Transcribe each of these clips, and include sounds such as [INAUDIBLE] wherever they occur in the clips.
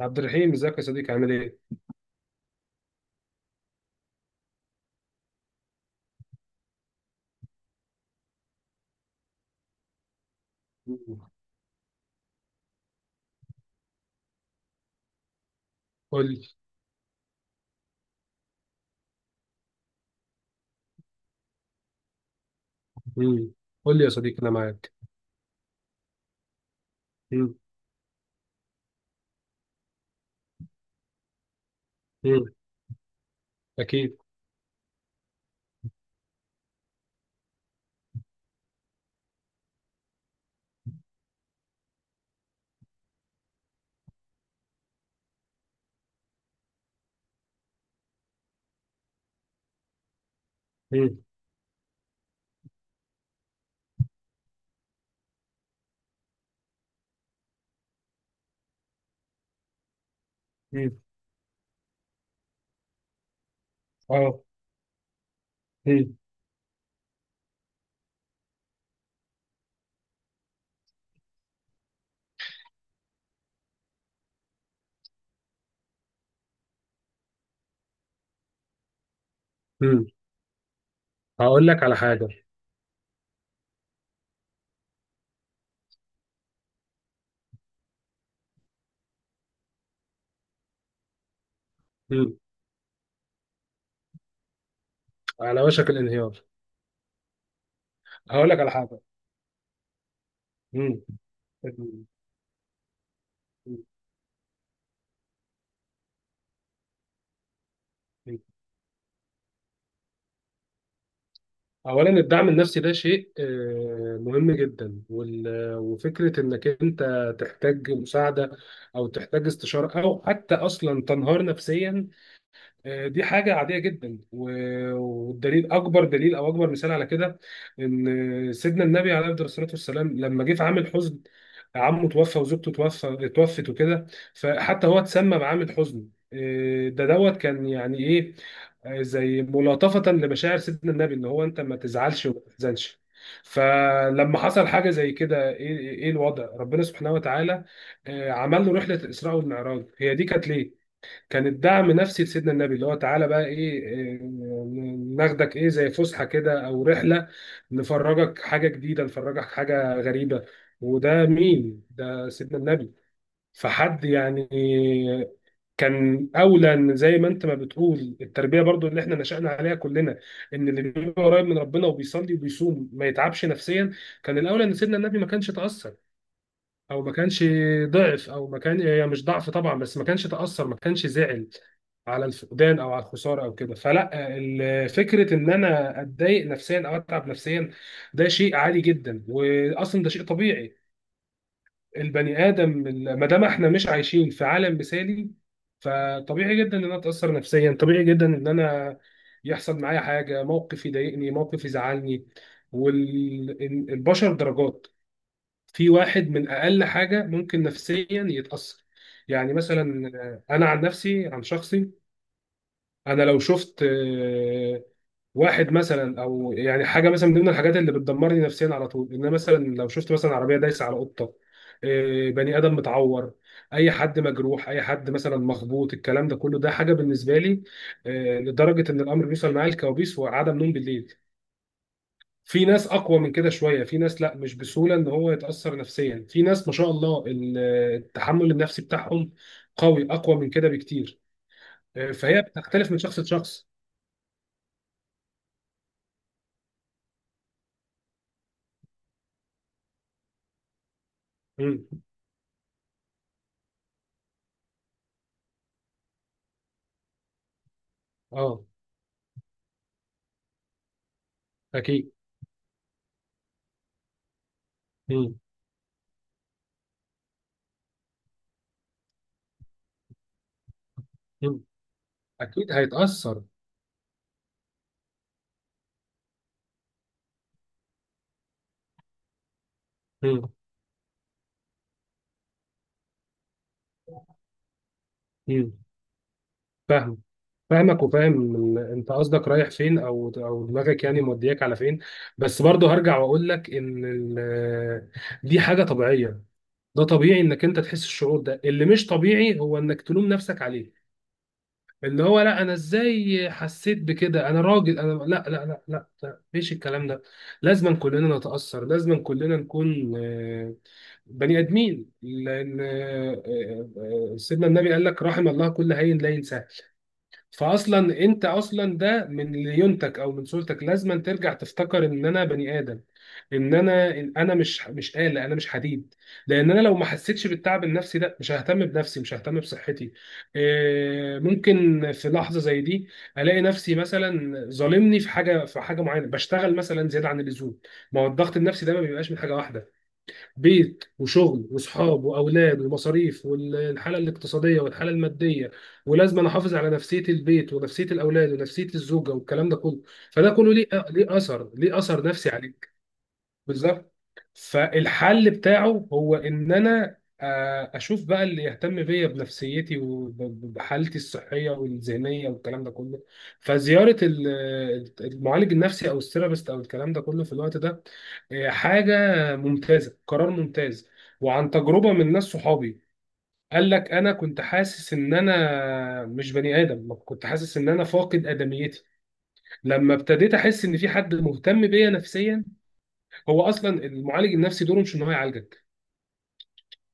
عبد الرحيم، ازيك يا صديقي؟ عامل ايه؟ مم. قول لي. مم. قول لي يا صديقي، انا معاك. مم. مم. اكيد. مم. مم. اه. مم. مم. هقول لك على حاجه. مم. على وشك الانهيار. هقول لك على حاجه. مم. مم. مم. اولا، الدعم النفسي ده شيء مهم جدا، وفكره انك انت تحتاج مساعده، او تحتاج استشاره، او حتى اصلا تنهار نفسيا، دي حاجة عادية جدا، والدليل أكبر دليل أو أكبر مثال على كده إن سيدنا النبي عليه أفضل الصلاة والسلام لما جه في عام الحزن، عمه توفى وزوجته توفت وكده، فحتى هو اتسمى بعام الحزن. إيه ده دوت؟ كان يعني إيه؟ زي ملاطفة لمشاعر سيدنا النبي، إن هو أنت ما تزعلش وما تحزنش. فلما حصل حاجة زي كده، إيه الوضع؟ ربنا سبحانه وتعالى عمل له رحلة الإسراء والمعراج. هي دي كانت ليه؟ كان الدعم نفسي لسيدنا النبي، اللي هو تعالى بقى ايه ناخدك ايه، زي فسحه كده او رحله، نفرجك حاجه جديده، نفرجك حاجه غريبه. وده مين؟ ده سيدنا النبي. فحد يعني كان اولى. إن زي ما انت ما بتقول، التربيه برضو اللي احنا نشأنا عليها كلنا، ان اللي بيبقى قريب من ربنا وبيصلي وبيصوم ما يتعبش نفسيا، كان الاولى ان سيدنا النبي ما كانش تأثر او ما كانش ضعف، او ما كان هي مش ضعف طبعا، بس ما كانش تاثر، ما كانش زعل على الفقدان او على الخساره او كده. فلا، فكره ان انا اتضايق نفسيا او اتعب نفسيا، ده شيء عادي جدا، واصلا ده شيء طبيعي. البني ادم، ما دام احنا مش عايشين في عالم مثالي، فطبيعي جدا ان انا اتاثر نفسيا، طبيعي جدا ان انا يحصل معايا حاجه، موقف يضايقني، موقف يزعلني. والبشر درجات. في واحد من اقل حاجه ممكن نفسيا يتاثر. يعني مثلا انا عن نفسي، عن شخصي، انا لو شفت واحد مثلا، او يعني حاجه مثلا من ضمن الحاجات اللي بتدمرني نفسيا على طول، ان أنا مثلا لو شفت مثلا عربيه دايسه على قطه، بني ادم متعور، اي حد مجروح، اي حد مثلا مخبوط، الكلام ده كله ده حاجه بالنسبه لي لدرجه ان الامر بيوصل معايا الكوابيس وعدم نوم بالليل. في ناس اقوى من كده شويه. في ناس لا، مش بسهوله ان هو يتاثر نفسيا. في ناس ما شاء الله، التحمل النفسي بتاعهم قوي، اقوى من كده بكتير. فهي بتختلف من شخص لشخص. مم. اه. اكيد. مم. مم. اكيد هيتاثر. مم. مم. فاهم. فاهمك، وفاهم انت قصدك رايح فين، او دماغك يعني مودياك على فين. بس برضه هرجع واقول لك ان دي حاجه طبيعيه. ده طبيعي انك انت تحس الشعور ده. اللي مش طبيعي هو انك تلوم نفسك عليه، اللي هو لا، انا ازاي حسيت بكده؟ انا راجل. انا لا لا لا لا, لا. مفيش الكلام ده. لازم كلنا نتأثر، لازم كلنا نكون بني ادمين. لان سيدنا النبي قال لك رحم الله كل هين لا ينساه. فاصلا انت اصلا، ده من ليونتك او من صورتك، لازما ترجع تفتكر ان انا بني ادم، ان انا مش آلة، انا مش حديد. لان انا لو ما حسيتش بالتعب النفسي ده، مش ههتم بنفسي، مش ههتم بصحتي. ممكن في لحظة زي دي الاقي نفسي مثلا ظالمني في حاجة معينة، بشتغل مثلا زيادة عن اللزوم. ما هو الضغط النفسي ده ما بيبقاش من حاجة واحدة. بيت وشغل وصحاب واولاد ومصاريف، والحاله الاقتصاديه والحاله الماديه، ولازم انا احافظ على نفسيه البيت ونفسيه الاولاد ونفسيه الزوجه والكلام ده كله. فده كله ليه اثر، ليه اثر نفسي عليك. بالظبط. فالحل بتاعه هو ان انا اشوف بقى اللي يهتم بيا، بنفسيتي وبحالتي الصحيه والذهنيه والكلام ده كله. فزياره المعالج النفسي او الثيرابيست او الكلام ده كله في الوقت ده حاجه ممتازه، قرار ممتاز. وعن تجربه من ناس صحابي، قال لك انا كنت حاسس ان انا مش بني ادم، كنت حاسس ان انا فاقد ادميتي، لما ابتديت احس ان في حد مهتم بيا نفسيا. هو اصلا المعالج النفسي دوره مش ان هو يعالجك،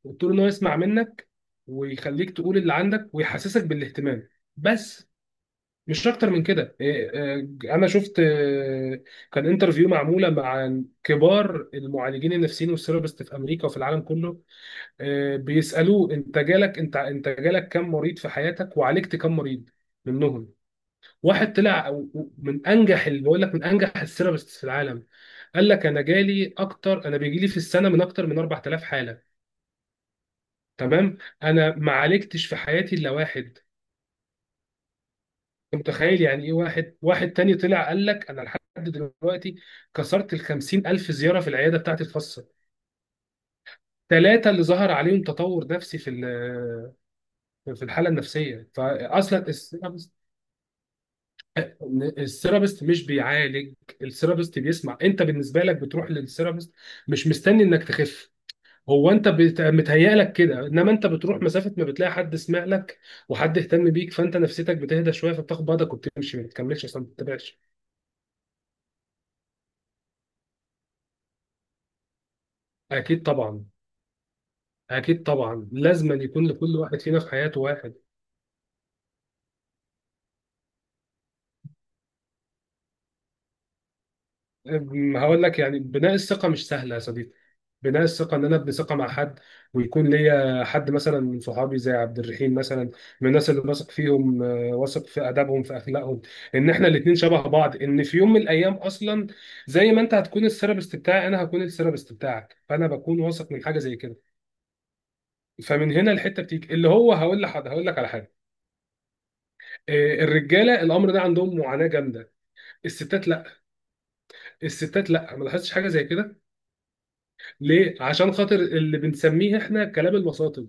دوره ان هو يسمع منك ويخليك تقول اللي عندك ويحسسك بالاهتمام، بس. مش اكتر من كده. انا شفت كان انترفيو معموله مع كبار المعالجين النفسيين والثيرابيست في امريكا وفي العالم كله. بيسالوه انت جالك كم مريض في حياتك، وعالجت كم مريض منهم. واحد طلع من انجح، اللي بقول لك، من انجح السيرابست في العالم، قال لك انا جالي اكتر انا بيجي لي في السنه من اكتر من 4000 حاله، تمام؟ انا ما عالجتش في حياتي الا واحد. انت متخيل يعني ايه؟ واحد تاني طلع قال لك انا لحد دلوقتي كسرت ال 50000 زياره في العياده بتاعتي الخاصه، ثلاثه اللي ظهر عليهم تطور نفسي في الحاله النفسيه فاصلا. إن الثيرابيست مش بيعالج، الثيرابيست بيسمع. انت بالنسبه لك بتروح للثيرابيست مش مستني انك تخف، هو انت متهيأ لك كده، انما انت بتروح مسافه، ما بتلاقي حد سمع لك وحد اهتم بيك، فانت نفسيتك بتهدى شويه، فبتاخد بعضك وبتمشي، ما بتكملش اصلا، ما بتتابعش. اكيد طبعا. اكيد طبعا، لازما يكون لكل واحد فينا في حياته واحد. هقول لك، يعني بناء الثقة مش سهلة يا صديقي. بناء الثقة إن أنا أبني ثقة مع حد ويكون ليا حد مثلا من صحابي زي عبد الرحيم مثلا، من الناس اللي واثق فيهم واثق في آدابهم، في أخلاقهم، إن إحنا الاتنين شبه بعض، إن في يوم من الأيام أصلا، زي ما أنت هتكون الثيرابيست بتاعي، أنا هكون الثيرابيست بتاعك. فأنا بكون واثق من حاجة زي كده. فمن هنا الحتة بتيجي، اللي هو هقول لك على حاجة. الرجالة الأمر ده عندهم معاناة جامدة. الستات لا. الستات لا، ما لاحظتش حاجة زي كده. ليه؟ عشان خاطر اللي بنسميه احنا كلام الوساطي.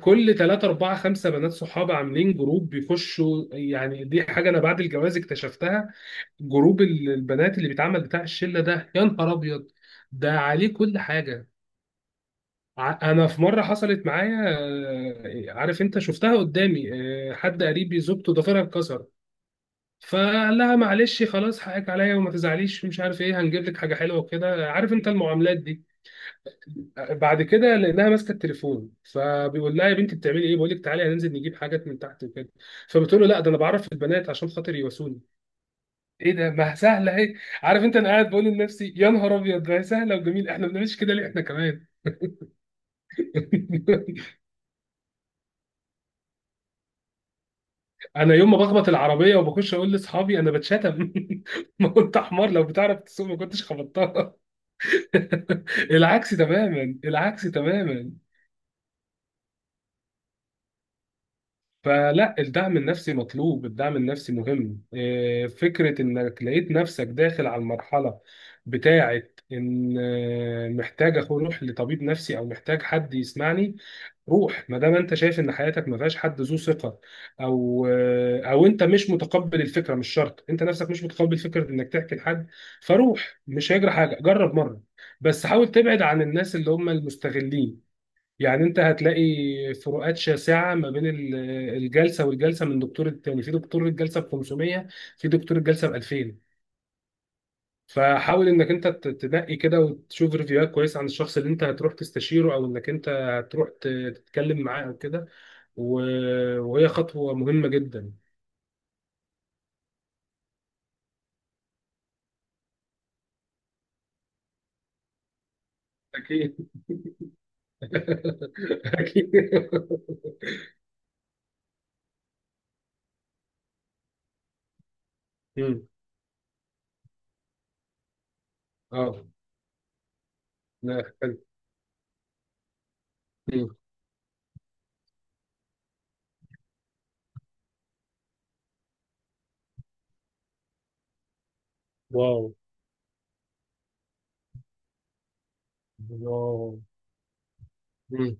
كل 3 4 5 بنات صحاب عاملين جروب بيخشوا، يعني دي حاجه انا بعد الجواز اكتشفتها. جروب البنات اللي بيتعمل، بتاع الشله ده، يا نهار ابيض، ده عليه كل حاجه. انا في مره حصلت معايا، عارف انت، شفتها قدامي، حد قريبي زوجته ضفيرها اتكسر، فقال لها معلش، خلاص حقك عليا وما تزعليش، مش عارف ايه، هنجيب لك حاجه حلوه وكده، عارف انت المعاملات دي. بعد كده لانها ماسكه التليفون، فبيقول لها يا بنتي بتعملي ايه، بقول لك تعالي هننزل نجيب حاجات من تحت وكده، فبتقول له لا، ده انا بعرف البنات عشان خاطر يواسوني. ايه ده، ما سهله اهي! عارف انت، انا قاعد بقول لنفسي يا نهار ابيض، ما هي سهله وجميل، احنا ما بنعملش كده ليه؟ احنا كمان. [LAUGHS] انا يوم ما بخبط العربيه وبخش اقول لاصحابي انا بتشتم. [LAUGHS] ما كنت حمار، لو بتعرف تسوق ما كنتش خبطتها. [LAUGHS] العكس تماما، العكس تماما. فلا، الدعم النفسي مطلوب، الدعم النفسي مهم. فكرة انك لقيت نفسك داخل على المرحلة بتاعة ان محتاج اروح لطبيب نفسي، او محتاج حد يسمعني، روح. ما دام انت شايف ان حياتك ما فيهاش حد ذو ثقة، او انت مش متقبل الفكرة، مش شرط، انت نفسك مش متقبل فكرة انك تحكي لحد، فروح. مش هيجرى حاجة، جرب مرة. بس حاول تبعد عن الناس اللي هم المستغلين. يعني انت هتلاقي فروقات شاسعه ما بين الجلسه والجلسه، من دكتور التاني، في دكتور الجلسه ب 500، في دكتور الجلسه ب 2000. فحاول انك انت تنقي كده، وتشوف ريفيوهات كويسه عن الشخص اللي انت هتروح تستشيره، او انك انت هتروح تتكلم معاه او كده. وهي خطوه مهمه جدا. اكيد. [LAUGHS] اكيد. مم. اه. لا، حلو. مم. واو. واو. مم.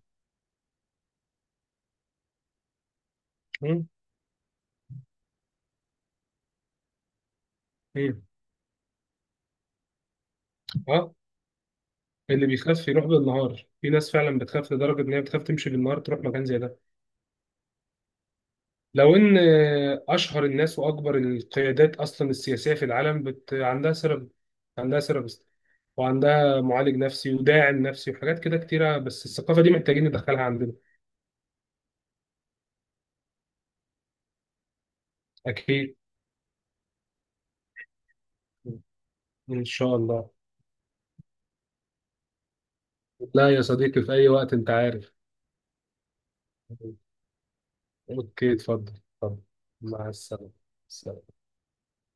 مم. مم. اه. اللي بيخاف يروح بالنهار، في ناس فعلا بتخاف لدرجة إن هي بتخاف تمشي بالنهار تروح مكان زي ده. لو إن أشهر الناس وأكبر القيادات أصلا السياسية في العالم عندها عندها سيرابيست، وعندها معالج نفسي وداعم نفسي وحاجات كده كتيرة. بس الثقافة دي محتاجين ندخلها عندنا. أكيد. إن شاء الله. لا يا صديقي، في أي وقت، أنت عارف. أوكي، اتفضل. اتفضل. مع السلامة. سلام.